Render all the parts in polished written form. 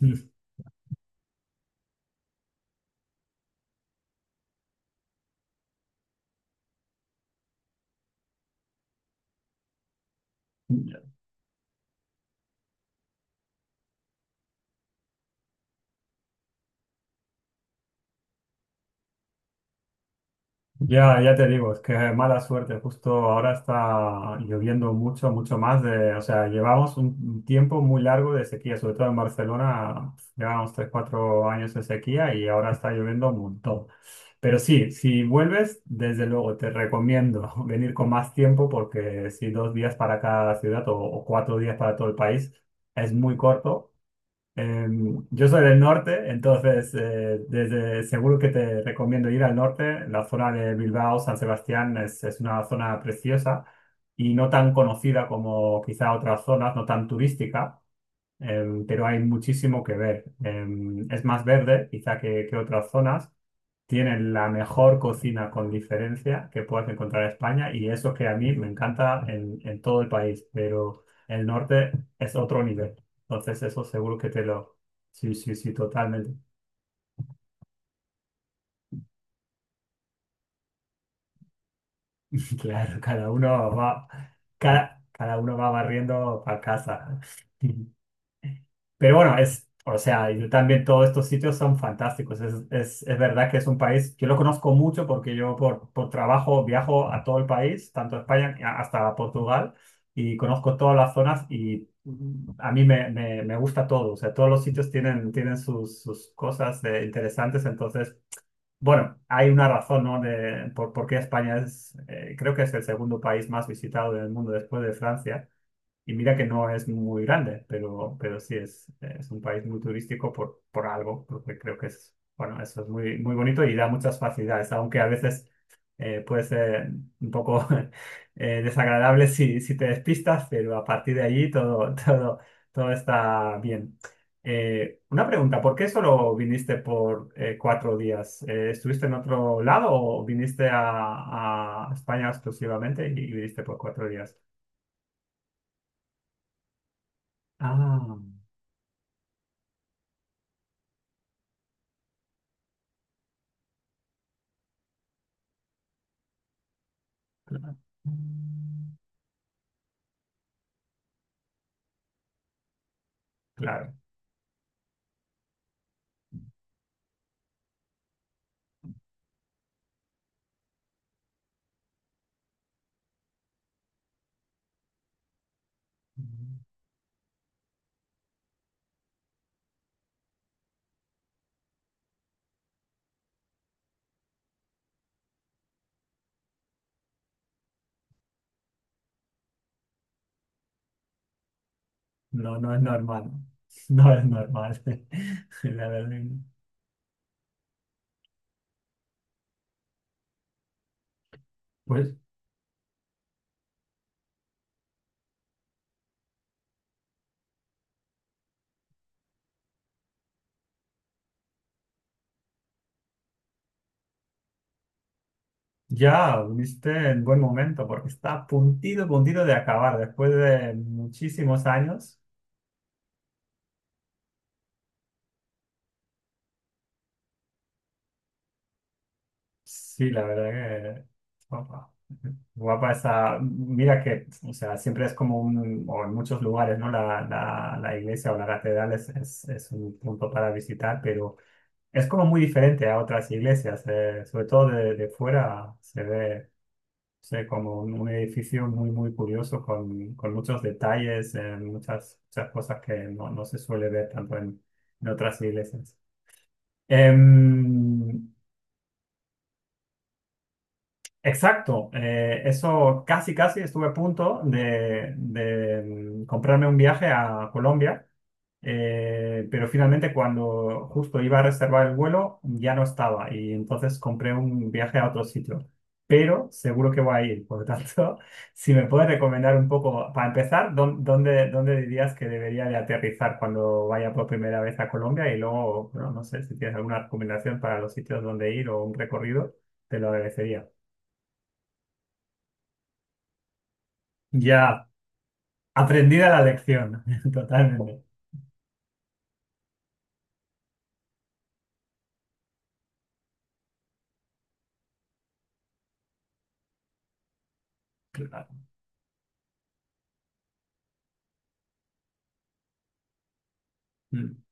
Mm. Ya te digo, es que mala suerte. Justo ahora está lloviendo mucho, mucho más de, o sea, llevamos un tiempo muy largo de sequía, sobre todo en Barcelona, llevamos 3, 4 años de sequía y ahora está lloviendo un montón. Pero sí, si vuelves, desde luego te recomiendo venir con más tiempo porque si 2 días para cada ciudad o 4 días para todo el país es muy corto. Yo soy del norte, entonces seguro que te recomiendo ir al norte. La zona de Bilbao, San Sebastián es una zona preciosa y no tan conocida como quizá otras zonas, no tan turística, pero hay muchísimo que ver. Es más verde quizá que otras zonas tienen la mejor cocina con diferencia que puedas encontrar en España y eso que a mí me encanta en todo el país, pero el norte es otro nivel. Entonces eso seguro que te lo... Sí, sí, sí, totalmente. Claro, cada uno va barriendo para casa. Pero bueno, o sea, yo también todos estos sitios son fantásticos. Es verdad que es un país, yo lo conozco mucho porque yo por trabajo viajo a todo el país, tanto a España hasta Portugal, y conozco todas las zonas y a mí me gusta todo. O sea, todos los sitios tienen sus cosas interesantes. Entonces, bueno, hay una razón, ¿no? Por qué España, creo que es el segundo país más visitado del mundo después de Francia. Y mira que no es muy grande, pero sí es un país muy turístico por algo, porque creo que es, bueno, eso es muy, muy bonito y da muchas facilidades, aunque a veces puede ser un poco desagradable si te despistas, pero a partir de allí todo, todo, todo está bien. Una pregunta, ¿por qué solo viniste por 4 días? ¿Estuviste en otro lado o viniste a España exclusivamente y viniste por 4 días? Ah. Claro. Claro. No, no es normal. No es normal. La verdad. Pues ya viste en buen momento, porque está a puntito, puntito de acabar. Después de muchísimos años, sí, la verdad que guapa. Guapa esa. Mira que, o sea, siempre es como un, o en muchos lugares, ¿no? La iglesia o la catedral es un punto para visitar, pero es como muy diferente a otras iglesias. Sobre todo de fuera se ve, como un edificio muy, muy curioso con muchos detalles, muchas, muchas cosas que no se suele ver tanto en otras iglesias. Em, Exacto, eso casi casi estuve a punto comprarme un viaje a Colombia, pero finalmente cuando justo iba a reservar el vuelo ya no estaba y entonces compré un viaje a otro sitio, pero seguro que voy a ir, por lo tanto, si me puedes recomendar un poco, para empezar, ¿dónde dirías que debería de aterrizar cuando vaya por primera vez a Colombia? Y luego, bueno, no sé si tienes alguna recomendación para los sitios donde ir o un recorrido, te lo agradecería. Ya, aprendida la lección, totalmente. Claro. Mm.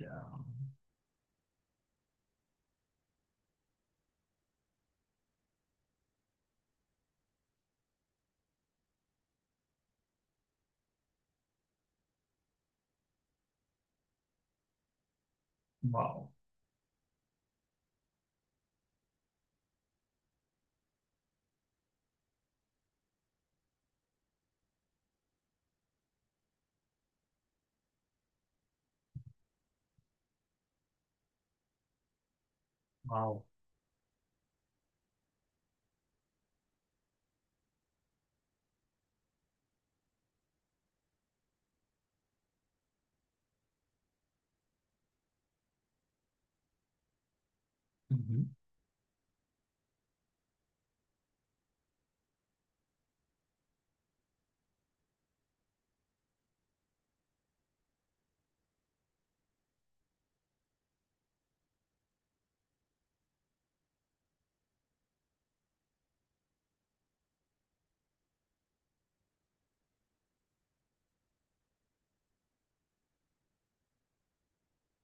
Ya. Wow, wow. Ujú.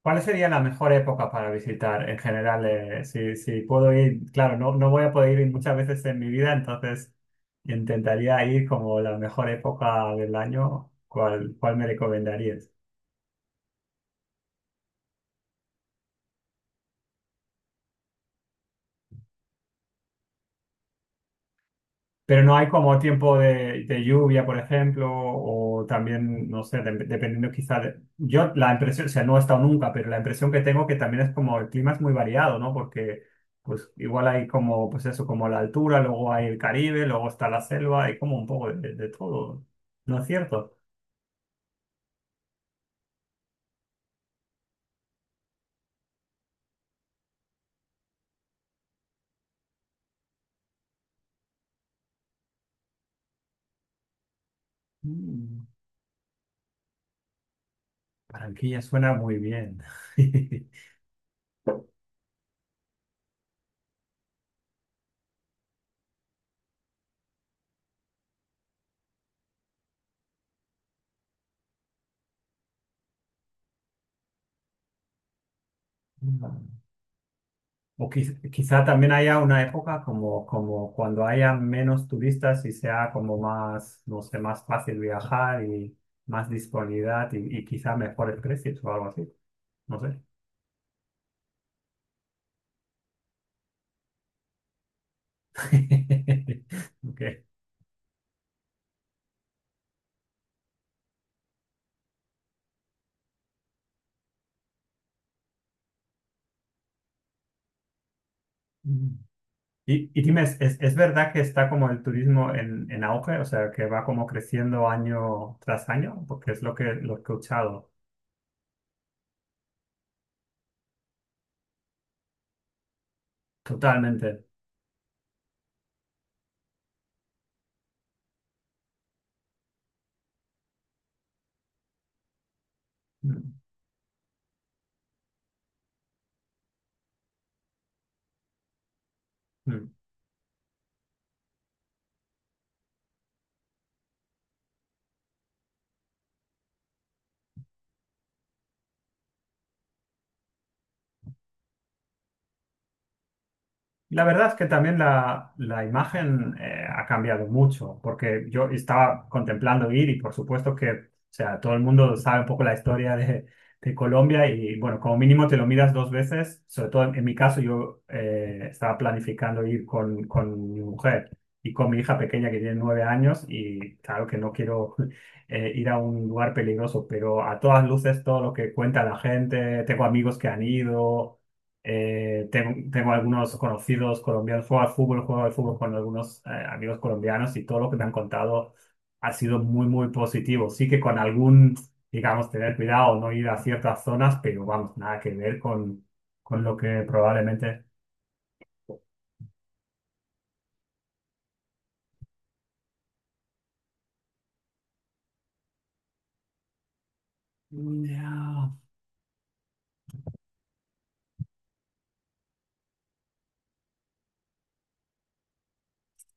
¿Cuál sería la mejor época para visitar en general? Si puedo ir, claro, no voy a poder ir muchas veces en mi vida, entonces intentaría ir como la mejor época del año. ¿Cuál me recomendarías? Pero no hay como tiempo de lluvia, por ejemplo, o también, no sé, dependiendo quizá de. Yo la impresión, o sea, no he estado nunca, pero la impresión que tengo que también es como el clima es muy variado, ¿no? Porque pues igual hay como, pues eso, como la altura, luego hay el Caribe, luego está la selva, hay como un poco de todo, ¿no es cierto? Mm. Barranquilla suena muy bien. O quizá también haya una época como, cuando haya menos turistas y sea como más, no sé, más fácil viajar y más disponibilidad y quizá mejores precios o algo así. No sé. Ok. Mm. Y dime, ¿es verdad que está como el turismo en auge? O sea, que va como creciendo año tras año, porque es lo que he escuchado. Totalmente. Mm, mm. La verdad es que también la imagen ha cambiado mucho, porque yo estaba contemplando ir y por supuesto que, o sea, todo el mundo sabe un poco la historia de Colombia y bueno, como mínimo te lo miras dos veces, sobre todo en mi caso yo estaba planificando ir con mi mujer y con mi hija pequeña que tiene 9 años y claro que no quiero ir a un lugar peligroso, pero a todas luces todo lo que cuenta la gente, tengo amigos que han ido. Tengo algunos conocidos colombianos, juego al fútbol con algunos amigos colombianos y todo lo que me han contado ha sido muy, muy positivo. Sí que con algún, digamos, tener cuidado, no ir a ciertas zonas, pero vamos, nada que ver con, lo que probablemente... Ya.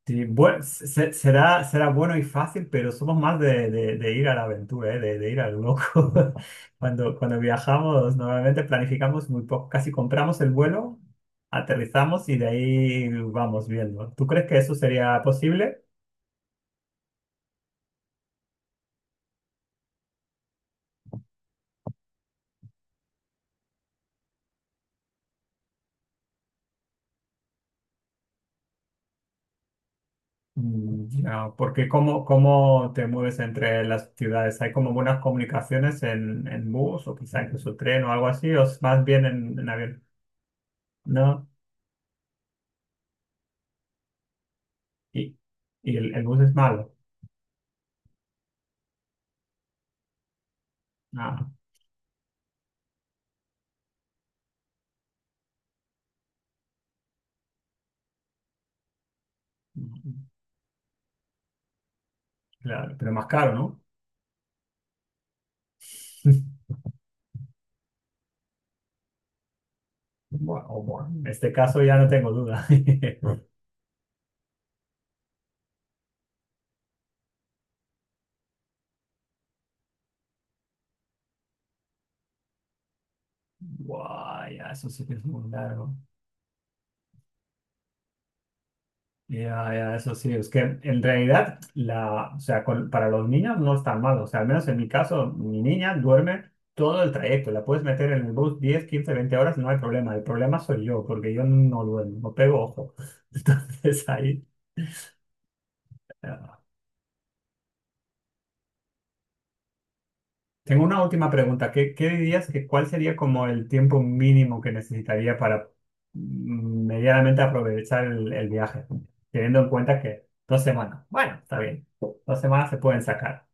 Sí, será bueno y fácil, pero somos más de ir a la aventura, ¿eh? De ir al loco. Cuando viajamos, normalmente planificamos muy poco, casi compramos el vuelo, aterrizamos y de ahí vamos viendo. ¿Tú crees que eso sería posible? Ya, porque ¿cómo te mueves entre las ciudades? ¿Hay como buenas comunicaciones en bus o quizá incluso tren o algo así? ¿O es más bien en avión? ¿No? ¿Y, y el bus es malo? Ah. No. Claro, pero más caro, ¿no? Bueno, o bueno, en este caso ya no tengo duda. Guay, ya, eso sí que es muy largo. Ya, ya, eso sí, es que en realidad, la, o sea, para los niños no es tan malo. O sea, al menos en mi caso, mi niña duerme todo el trayecto. La puedes meter en el bus 10, 15, 20 horas, no hay problema. El problema soy yo, porque yo no duermo, no pego ojo. Entonces ahí. Tengo una última pregunta. ¿Qué dirías que cuál sería como el tiempo mínimo que necesitaría para medianamente aprovechar el viaje? Teniendo en cuenta que 2 semanas, bueno, está bien, 2 semanas se pueden sacar.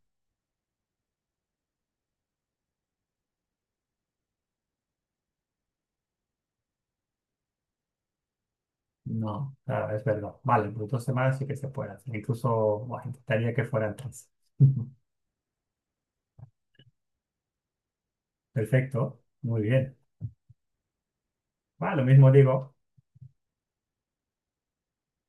No, claro, es verdad. Vale, pues 2 semanas sí que se pueden hacer. Incluso, bueno, intentaría que fueran tres. Perfecto, muy bien. Va, lo mismo digo.